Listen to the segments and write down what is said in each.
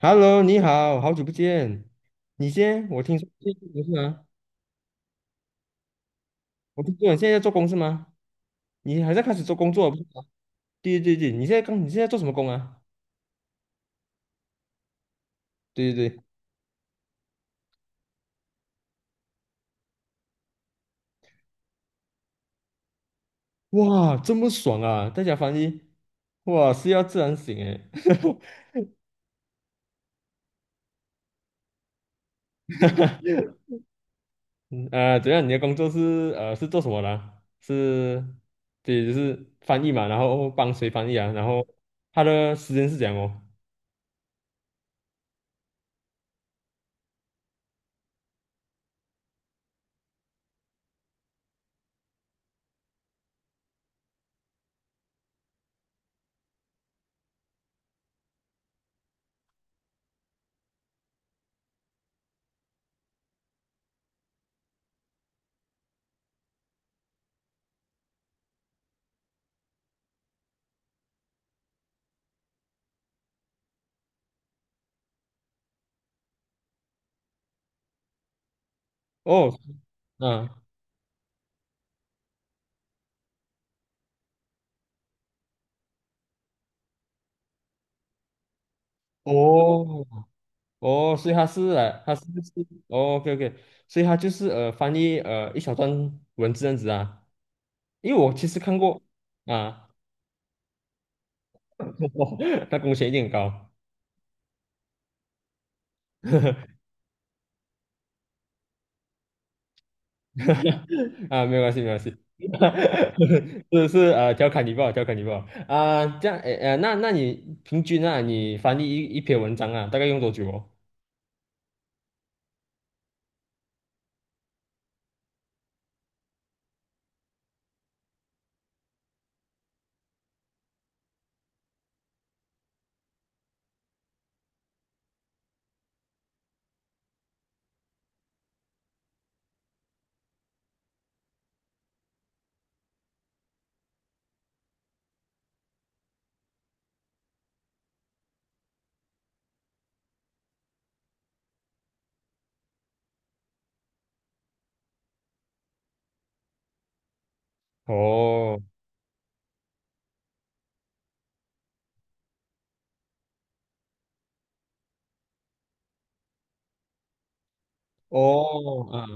Hello，你好，好久不见。你先，我听说最近不是吗？我听说你现在在做工是吗？你还在开始做工作不是吗？对对对，你现在做什么工啊？对对对，哇，这么爽啊！在家翻译，哇，是要自然醒诶。啊，怎样？你的工作是是做什么的啊？是，对，就是翻译嘛，然后帮谁翻译啊？然后他的时间是怎样哦。哦，嗯，哦，哦，所以他是来，他是就是哦，OK OK，所以他就是翻译一小段文字这样子啊，因为我其实看过。啊，他工钱一定很高。啊，没有关系没有关系。是是调侃你不好，调侃你不好啊，这样诶。那那你平均啊，你翻译一篇文章啊大概用多久哦？哦哦啊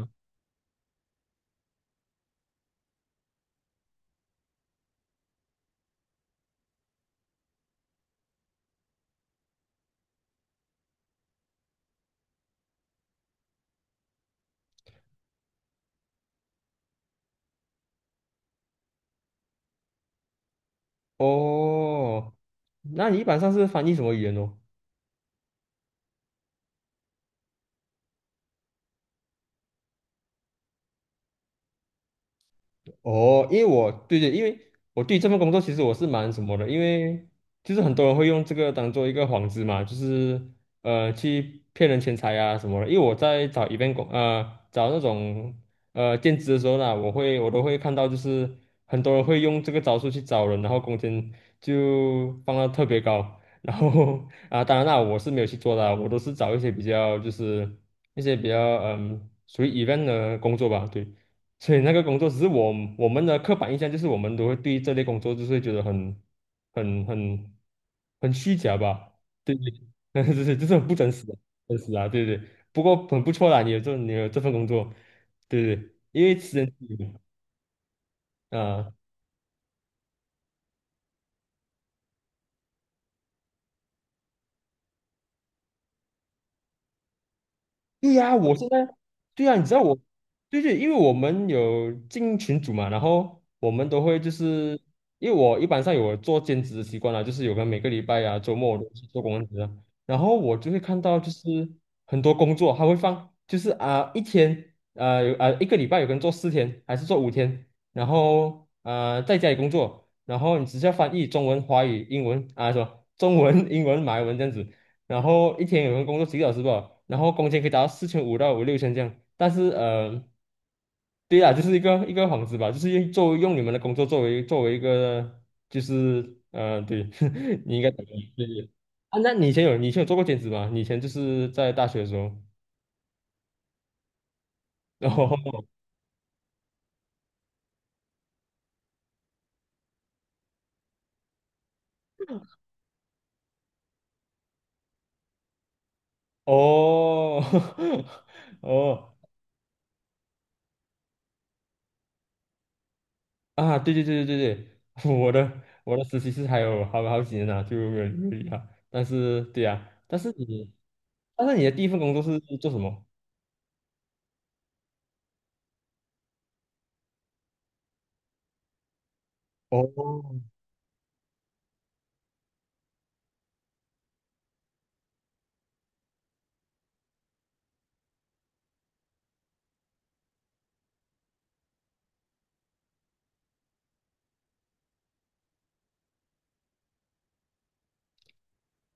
哦，那你一般上是翻译什么语言哦？哦，因为我对对，因为我对这份工作其实我是蛮什么的，因为就是很多人会用这个当做一个幌子嘛，就是去骗人钱财啊什么的。因为我在找一 v 工找那种兼职的时候呢，我都会看到，就是很多人会用这个招数去找人，然后工钱就放到特别高。然后 啊，当然啦，我是没有去做的啊，我都是找一些比较就是一些比较嗯属于 event 的工作吧，对。所以那个工作只是我，我们的刻板印象就是我们都会对这类工作就是会觉得很很很虚假吧？对对，就是就是很不真实的，真实啊，对对。不过很不错啦，你有这份工作，对对，因为私人啊。对呀，我现在，对呀，你知道我，对对，因为我们有进群组嘛，然后我们都会就是，因为我一般上有做兼职的习惯啦，就是有个每个礼拜啊、周末我都是做工职啊，然后我就会看到就是很多工作他会放，就是啊、一天啊有啊、一个礼拜有个人做4天还是做5天，然后啊、在家里工作，然后你只需要翻译中文、华语、英文啊什么中文、英文、马来文这样子。然后一天有人工作几个小时吧，然后工钱可以达到4500到5、6千这样。但是对呀，就是一个幌子吧，就是用作为用你们的工作作为一个就是，对，你应该懂的。对对。啊，那你以前有做过兼职吗？你以前就是在大学的时候，哦哦 哦。啊，对对对对对对，我的实习是还有好几年呢，就没有没有理他。但是对呀、但是但是你的第一份工作是做什么？哦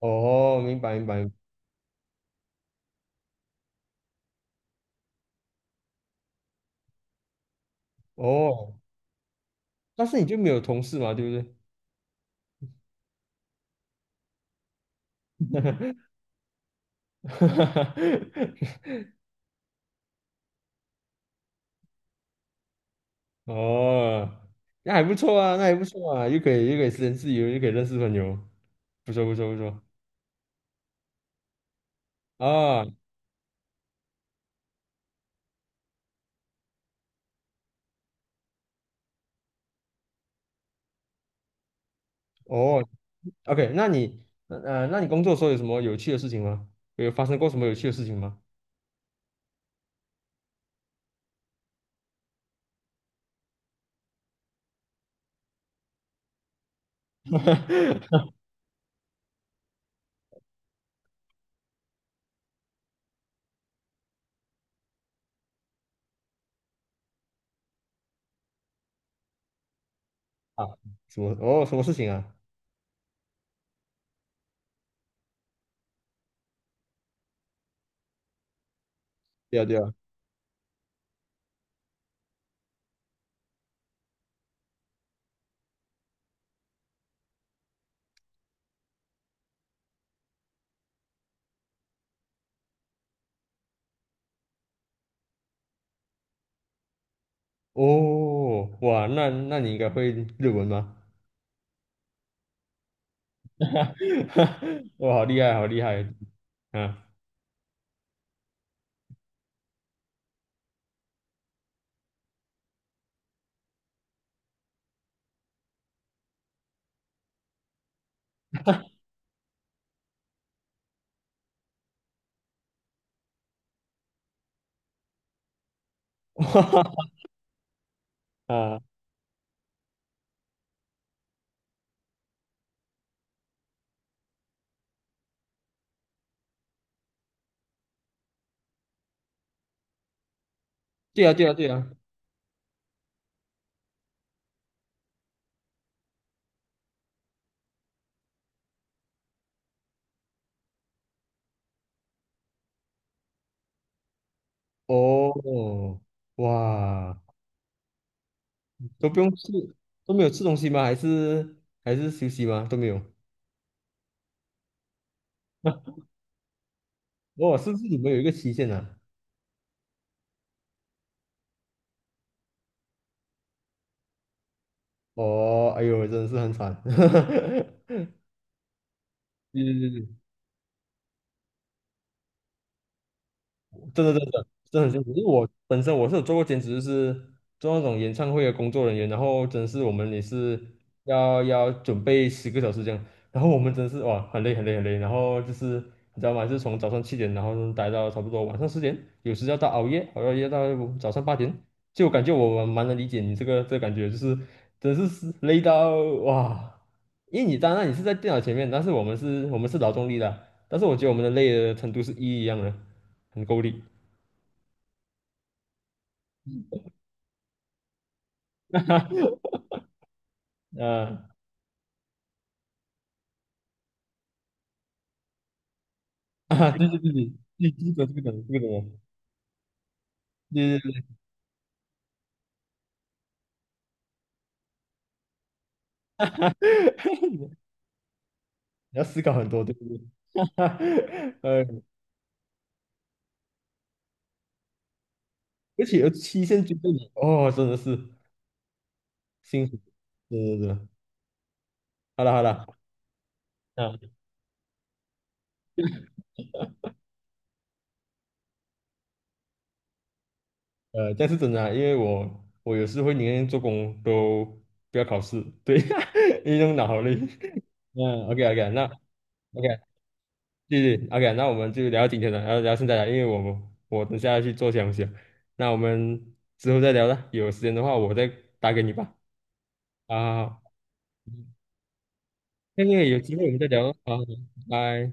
哦，明白明白。哦，但是你就没有同事嘛，对不对？哦，那还不错啊，那还不错啊，又可以时间自由，又可以认识朋友，不错不错不错啊。哦，OK，那那你工作的时候有什么有趣的事情吗？有发生过什么有趣的事情吗？啊，什么？哦，什么事情啊？对啊，对啊。哦，哇，那那你应该会日文吗？哇，好厉害，好厉害。啊，啊，对啊，对啊，对啊。哦，哇，都不用吃，都没有吃东西吗？还是还是休息吗？都没有。哦，是不是你们有一个期限啊？哦，哎呦，真的是很惨。是是是真的真的真的很辛苦，因为我本身我是有做过兼职，就是做那种演唱会的工作人员，然后真的是我们也是要准备10个小时这样，然后我们真的是哇很累很累很累，然后就是你知道吗？就是从早上7点，然后待到差不多晚上10点，有时要到熬夜，熬到夜到早上8点，就我感觉我蛮能理解你这个感觉，就是真的是累到哇，因为当然你是在电脑前面，但是我们是劳动力的，但是我觉得我们的累的程度是一样的，很够力。嗯 啊，对对对对，对这个这个懂，这个懂，对对对。你要思考很多，对不对？哈。呃，而且有期限追着你，哦，真的是辛苦，对对对，好了好了。啊但是真的啊，因为我我有时会宁愿做工都不要考试，对。因为那种脑力。嗯，OK OK，那 OK，对对，OK，那我们就聊到今天了，然后聊到现在了，因为我等下要去做东西了，那我们之后再聊了，有时间的话我再打给你吧。啊，嗯，那个有机会我们再聊啊，拜拜。